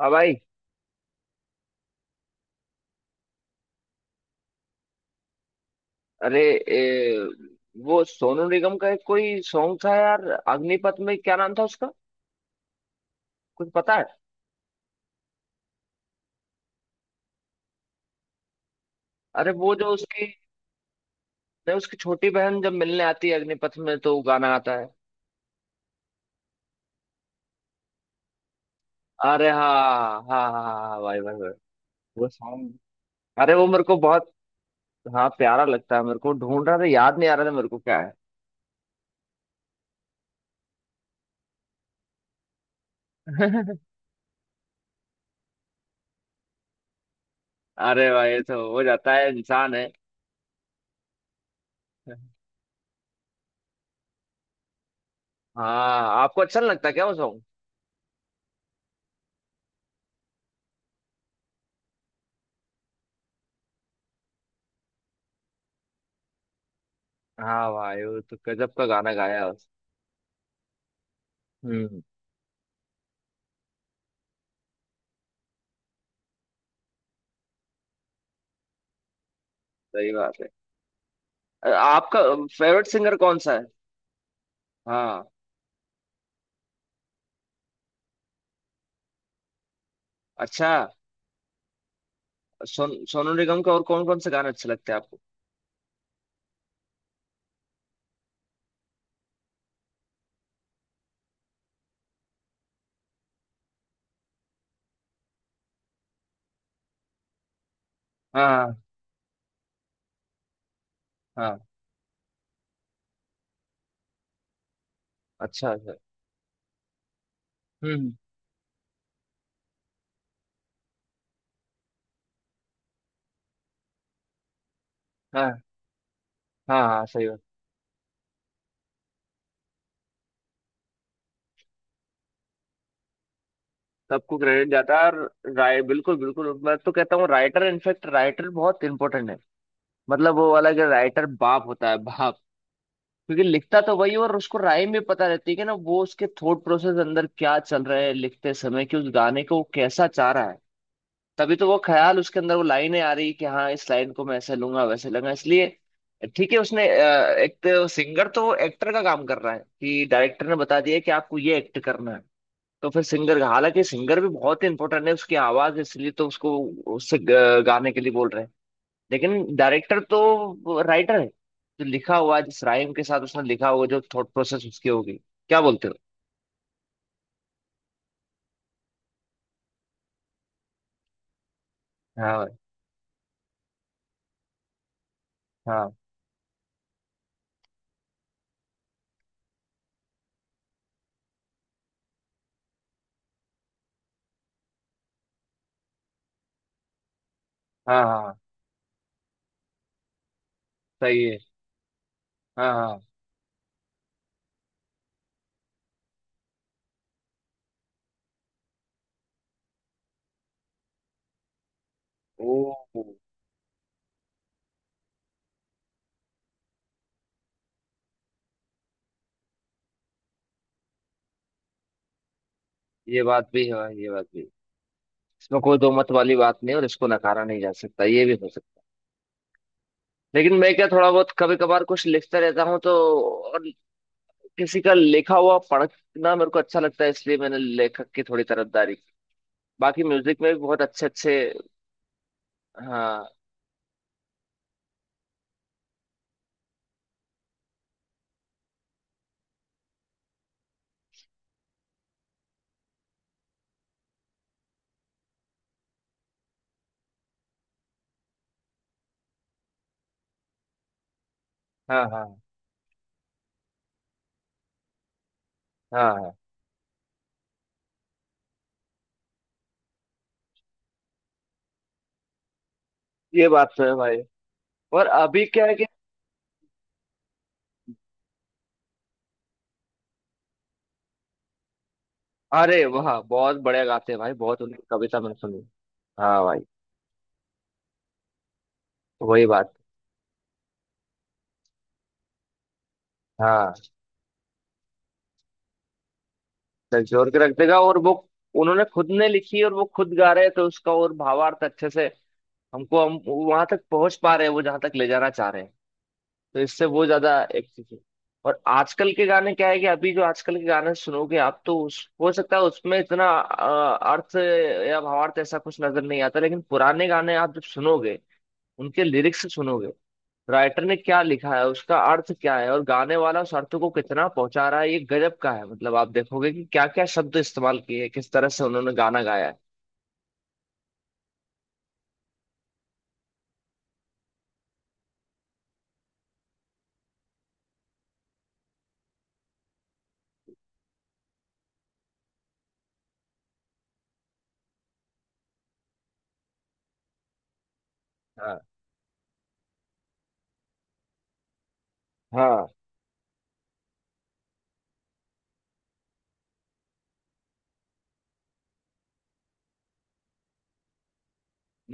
हाँ भाई। अरे ए, वो सोनू निगम का एक कोई सॉन्ग था यार, अग्निपथ में क्या नाम था उसका, कुछ पता है? अरे वो जो उसकी, नहीं, उसकी छोटी बहन जब मिलने आती है अग्निपथ में तो वो गाना आता है। अरे हाँ, हाँ हाँ हाँ हाँ, भाई भाई भाई, वो सॉन्ग। अरे वो मेरे को बहुत, हाँ, प्यारा लगता है, मेरे को ढूंढ रहा था, याद नहीं आ रहा था मेरे को क्या है। अरे भाई, ये तो हो जाता है, इंसान है। हाँ, आपको अच्छा नहीं लगता क्या वो सॉन्ग? हाँ भाई, वो तो गजब का गाना गाया है उसने। हम्म। सही बात है। आपका फेवरेट सिंगर कौन सा है? हाँ। अच्छा। सोनू निगम के और कौन कौन से गाने अच्छे लगते हैं आपको? हाँ हाँ, हाँ, अच्छा अच्छा। हम्म। हाँ हाँ, हाँ, सही बात। सबको क्रेडिट जाता है। और राय, बिल्कुल बिल्कुल, मैं तो कहता हूँ राइटर, इनफेक्ट राइटर बहुत इंपॉर्टेंट है। मतलब वो वाला कि राइटर बाप होता है, बाप। क्योंकि लिखता तो वही है और उसको राइम भी पता रहती है कि ना, वो उसके थॉट प्रोसेस अंदर क्या चल रहा है लिखते समय, कि उस गाने को वो कैसा चाह रहा है। तभी तो वो ख्याल उसके अंदर, वो लाइनें आ रही कि हाँ, इस लाइन को मैं ऐसे लूंगा वैसे लूंगा, इसलिए ठीक है। उसने एक तो सिंगर तो एक्टर का काम कर रहा है, कि डायरेक्टर ने बता दिया कि आपको ये एक्ट करना है, तो फिर सिंगर का, हालांकि सिंगर भी बहुत इंपॉर्टेंट है, उसकी आवाज, इसलिए तो उसको, उससे गाने के लिए बोल रहे हैं। लेकिन डायरेक्टर तो राइटर है, जो लिखा हुआ है, जिस राइम के साथ उसने लिखा हुआ, जो थॉट प्रोसेस उसकी होगी। क्या बोलते हो? हाँ भाई, हाँ। हाँ हाँ, सही है। हाँ हाँ। ओ, ये बात भी है भाई, ये बात भी है। इसमें कोई दो मत वाली बात नहीं है और इसको नकारा नहीं जा सकता, ये भी हो सकता है। लेकिन मैं क्या, थोड़ा बहुत कभी कभार कुछ लिखता रहता हूँ तो, और किसी का लिखा हुआ पढ़ना मेरे को अच्छा लगता है, इसलिए मैंने लेखक की थोड़ी तरफदारी की। बाकी म्यूजिक में भी बहुत अच्छे अच्छे। हाँ। हाँ हाँ, हाँ हाँ, ये बात तो है भाई। और अभी क्या है कि, अरे वाह, बहुत बढ़िया गाते हैं भाई, बहुत, उनकी कविता मैंने सुनी। हाँ भाई। वही बात। हाँ, झकझोर के रख देगा। और वो उन्होंने खुद ने लिखी और वो खुद गा रहे हैं, तो उसका और भावार्थ अच्छे से, हमको, हम वहां तक पहुंच पा रहे हैं वो जहां तक ले जाना चाह रहे हैं। तो इससे वो ज्यादा एक चीज है। और आजकल के गाने क्या है कि, अभी जो आजकल के गाने सुनोगे आप, तो हो सकता है उसमें इतना अर्थ या भावार्थ ऐसा कुछ नजर नहीं आता, लेकिन पुराने गाने आप जब सुनोगे, उनके लिरिक्स सुनोगे, राइटर ने क्या लिखा है, उसका अर्थ क्या है, और गाने वाला उस अर्थ को कितना पहुंचा रहा है, ये गजब का है। मतलब आप देखोगे कि क्या क्या शब्द इस्तेमाल किए हैं, किस तरह से उन्होंने गाना गाया है। हाँ हाँ।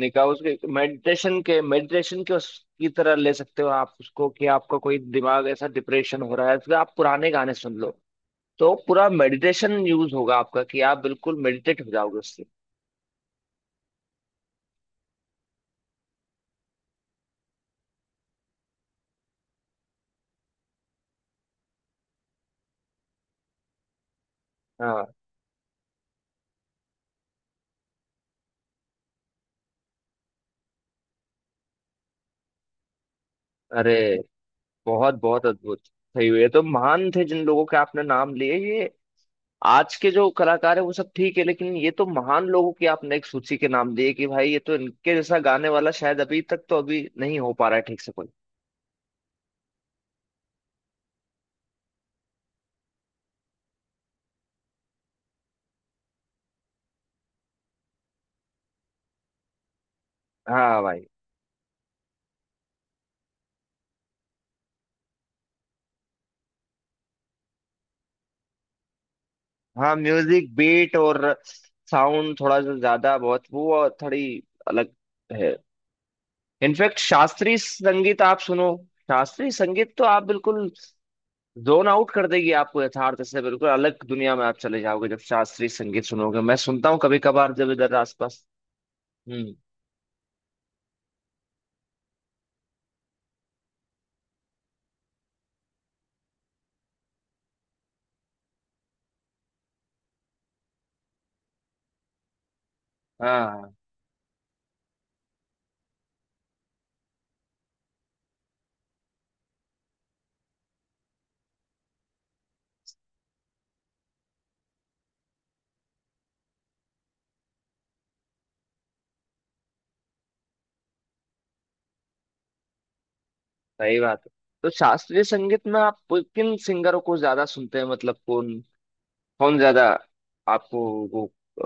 निकाह उसके, मेडिटेशन के, मेडिटेशन के उसकी तरह ले सकते हो आप उसको, कि आपका कोई दिमाग ऐसा डिप्रेशन हो रहा है, फिर आप पुराने गाने सुन लो, तो पूरा मेडिटेशन यूज होगा आपका, कि आप बिल्कुल मेडिटेट हो जाओगे उससे। हाँ। अरे बहुत बहुत अद्भुत, सही हुई। ये तो महान थे जिन लोगों के आपने नाम लिए। ये आज के जो कलाकार है वो सब ठीक है, लेकिन ये तो महान लोगों की आपने एक सूची के नाम दिए, कि भाई ये तो, इनके जैसा गाने वाला शायद अभी तक, तो अभी नहीं हो पा रहा है ठीक से कोई। हाँ भाई। हाँ, म्यूजिक बीट और साउंड थोड़ा सा ज्यादा, बहुत वो, और थोड़ी अलग है। इनफैक्ट शास्त्रीय संगीत आप सुनो, शास्त्रीय संगीत तो आप बिल्कुल, जोन आउट कर देगी आपको, यथार्थ से बिल्कुल अलग दुनिया में आप चले जाओगे जब शास्त्रीय संगीत सुनोगे। मैं सुनता हूँ कभी कभार, जब इधर आसपास। हम्म। हाँ, सही बात है। तो शास्त्रीय संगीत में आप किन सिंगरों को ज्यादा सुनते हैं, मतलब कौन कौन ज्यादा आपको वो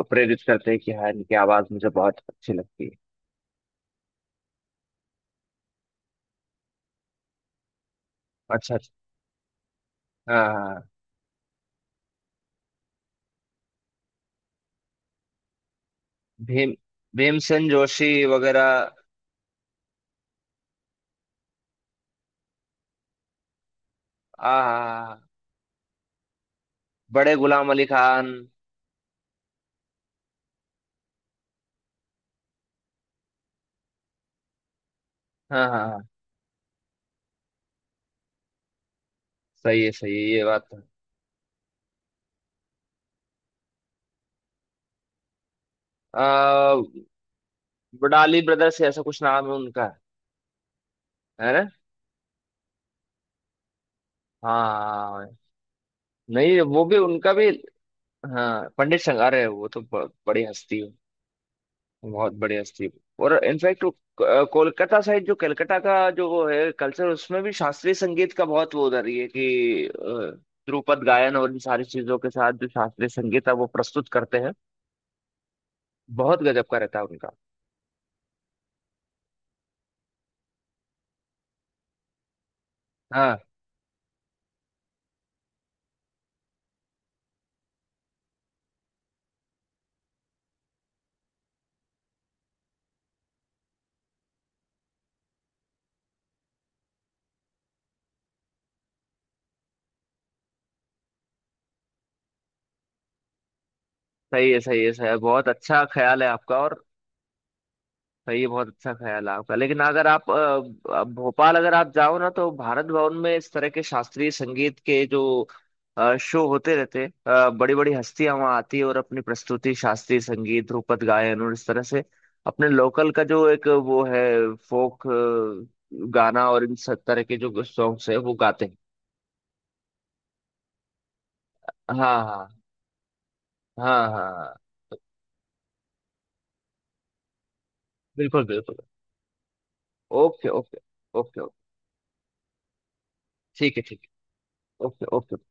प्रेरित करते हैं कि हाँ, इनकी आवाज मुझे बहुत अच्छी लगती है? अच्छा अच्छा। हाँ हाँ, हाँ। भीम, भीमसेन जोशी वगैरह। आ, बड़े गुलाम अली खान। हाँ हाँ हाँ। सही है सही है, ये बात है। आ, बडाली ब्रदर्स, ऐसा कुछ नाम है उनका? है ना? हाँ हाँ, हाँ। नहीं, वो भी, उनका भी। हाँ, पंडित संगारे है, वो तो बड़ी हस्ती है। बहुत बढ़िया स्टीव। और इनफैक्ट कोलकाता साइड, जो कलकत्ता का जो वो है कल्चर, उसमें भी शास्त्रीय संगीत का बहुत वो, उधर ही है कि ध्रुपद गायन और इन सारी चीजों के साथ जो शास्त्रीय संगीत है वो प्रस्तुत करते हैं। बहुत गजब का रहता है उनका। हाँ, सही है सही है सही है, बहुत अच्छा ख्याल है आपका। और भाई ये बहुत अच्छा ख्याल है आपका, लेकिन अगर आप भोपाल अगर आप जाओ ना, तो भारत भवन में इस तरह के शास्त्रीय संगीत के जो शो होते रहते हैं, बड़ी बड़ी हस्तियां वहाँ आती है और अपनी प्रस्तुति, शास्त्रीय संगीत, ध्रुपद गायन, और इस तरह से अपने लोकल का जो एक वो है, फोक गाना और इन सब तरह के जो सॉन्ग्स है, वो गाते हैं। हाँ हाँ, हाँ हाँ, हाँ। बिल्कुल बिल्कुल। Okay okay. Okay okay. ठीक है ठीक है। Okay okay.